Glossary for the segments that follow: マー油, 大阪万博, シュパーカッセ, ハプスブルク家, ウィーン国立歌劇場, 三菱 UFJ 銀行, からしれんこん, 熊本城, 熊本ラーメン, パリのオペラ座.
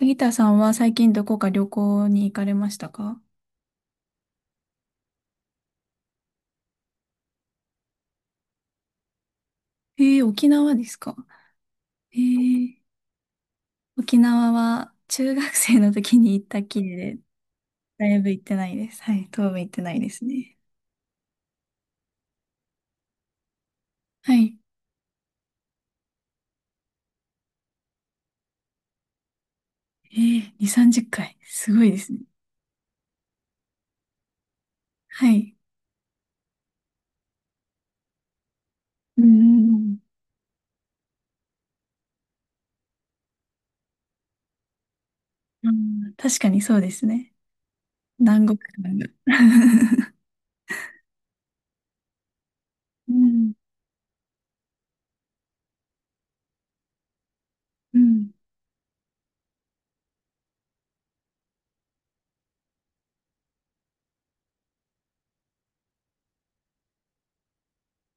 ギターさんは最近どこか旅行に行かれましたか？沖縄ですか？えー、沖縄は中学生の時に行ったきりで、だいぶ行ってないです。はい、当分行ってないですね。はい。えー、2、30回。すごいですね。はい。うん、うん、うん、確かにそうですね。南国感が。うん、うん、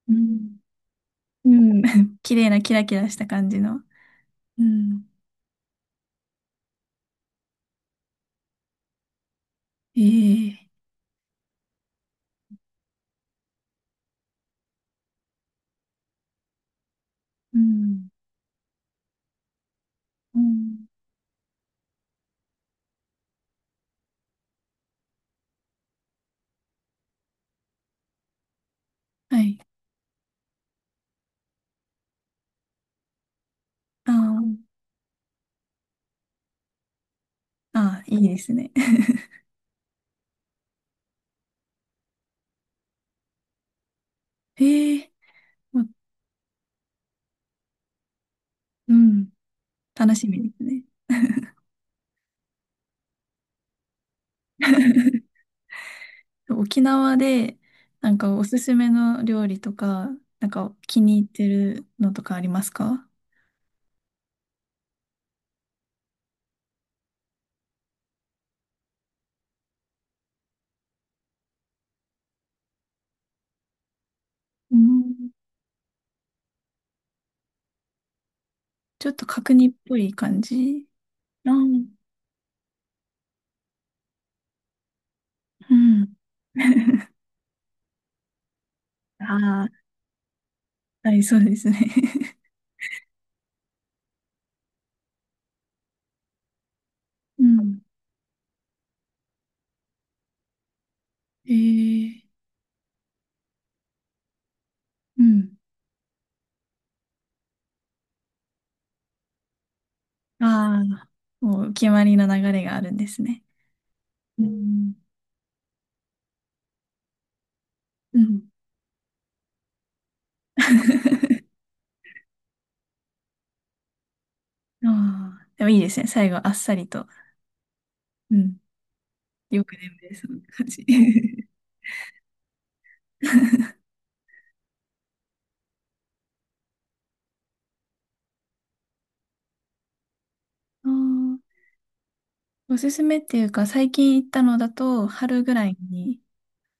うん、うん。綺麗なキラキラした感じの。うん。ええ、うん、うん。はい。ああ、ああ、いいですね。へえ、まうん、楽しみですね。沖縄で、なんかおすすめの料理とか、なんか気に入ってるのとかありますか？うん、ちょっと角煮っぽい感じ。ああ、うん。ああ、はい、そうですね。うん。へえ、うん。ああ、もう決まりの流れがあるんですね。うん。うん。ああ、でもいいですね。最後、あっさりと。うん。よく眠れそうな感じ。あー、おすすめっていうか、最近行ったのだと、春ぐらいに、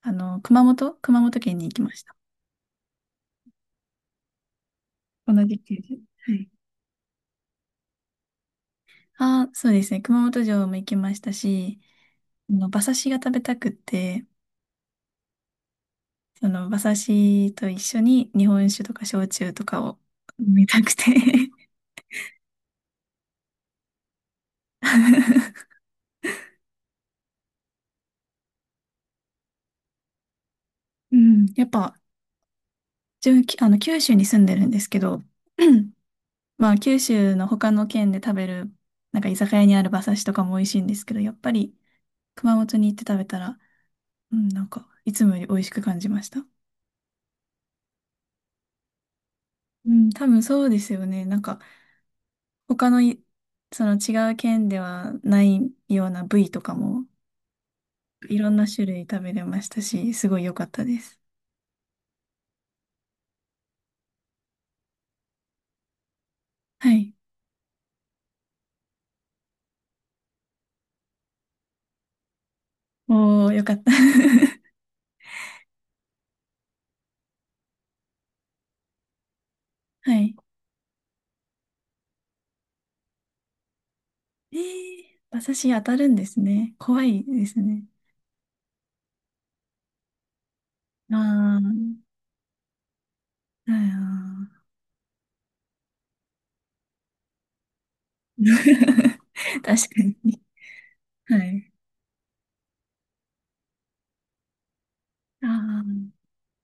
あの、熊本県に行きました。同じ県で。はい。ああ、そうですね。熊本城も行きましたし、あの、馬刺しが食べたくって、その、馬刺しと一緒に日本酒とか焼酎とかを飲みたくて。 うん。やっぱ、自分、あの、九州に住んでるんですけど。 まあ、九州の他の県で食べる、なんか居酒屋にある馬刺しとかも美味しいんですけど、やっぱり熊本に行って食べたら、うん、なんか、いつもより美味しく感じました。うん、多分そうですよね。なんか、他のい、その違う県ではないような部位とかも、いろんな種類食べれましたし、すごい良かったです。はい。おー、良かった。はい。えー、馬刺し当たるんですね。怖いですね。あー、あー。 確かに。はい。ああ、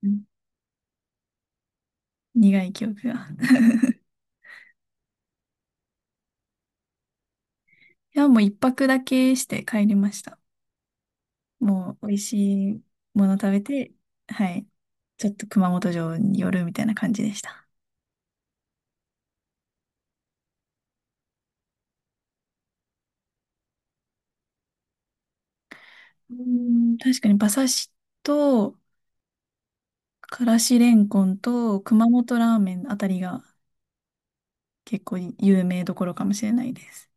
うん、苦い記憶が。いや、もう一泊だけして帰りました。もう美味しいもの食べて、はい。ちょっと熊本城に寄るみたいな感じでした。うん、確かに馬刺しと、からしれんこんと、熊本ラーメンあたりが結構有名どころかもしれないです。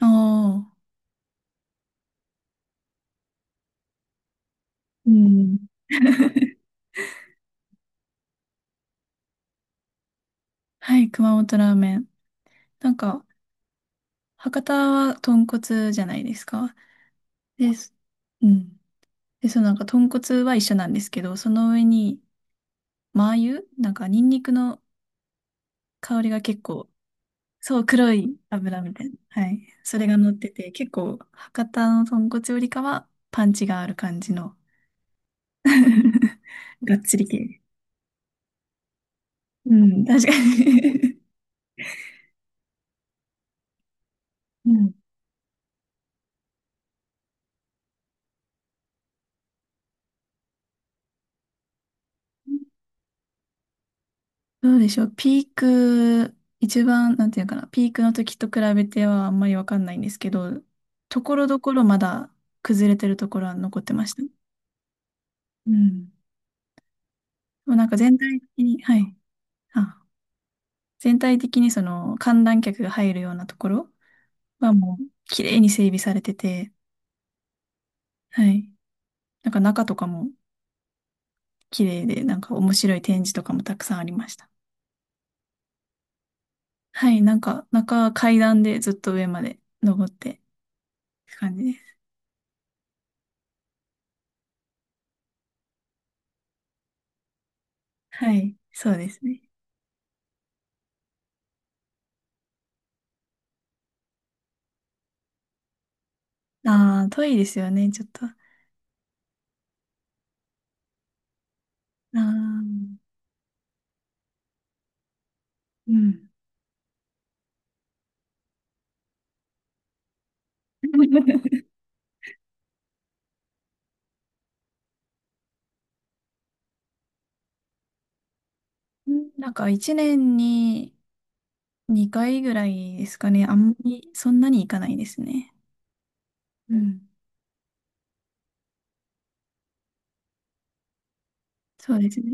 ああ、うん。はい、熊本ラーメン。なんか、博多は豚骨じゃないですか。で、すうん。で、そのなんか豚骨は一緒なんですけど、その上に、マー油なんかニンニクの香りが結構、そう、黒い油みたいな。はい。それが乗ってて、結構、博多の豚骨よりかは、パンチがある感じの。 がっつり系。うん、確かに。うん。どうでしょう。ピーク、一番、なんていうかな、ピークの時と比べてはあんまりわかんないんですけど、ところどころまだ崩れてるところは残ってました。うん。でもなんか全体的に、はい。あ、全体的にその観覧客が入るようなところはもう綺麗に整備されてて、はい。なんか中とかも綺麗で、なんか面白い展示とかもたくさんありました。はい。なんか中階段でずっと上まで登ってって感じです。はい。そうですね。ああ、遠いですよね、ちょっと。ああ、うん。なんか一年に2回ぐらいですかね。あんまりそんなに行かないですね。うん。そうですね。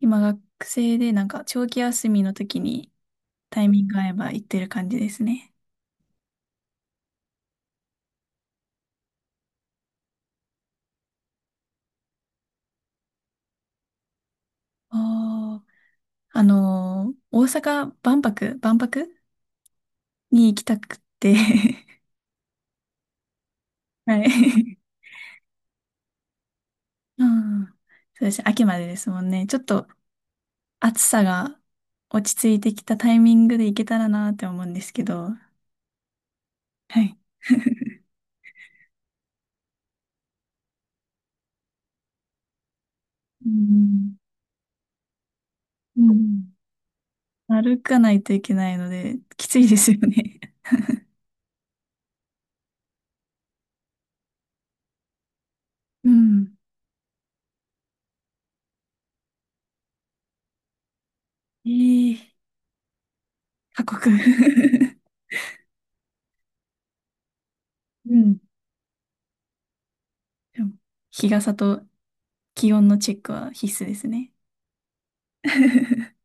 今学生でなんか長期休みの時にタイミング合えば行ってる感じですね。ああ、あのー大阪万博、に行きたくて。 はい。うん。そうです。秋までですもんね。ちょっと暑さが落ち着いてきたタイミングで行けたらなって思うんですけど。はい。うん。うん、歩かないといけないので、きついですよね。うん。ええ、過酷。 うん。でも日傘と気温のチェックは必須ですね。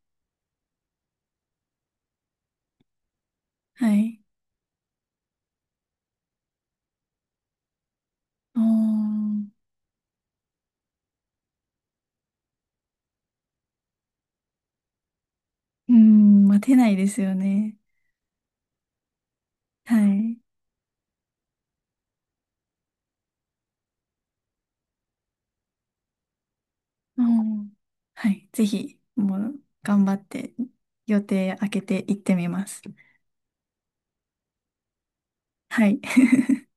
はい。おー、うん、待てないですよね。はい。おー、はい。ぜひ、もう、頑張って、予定開けて行ってみます。はい。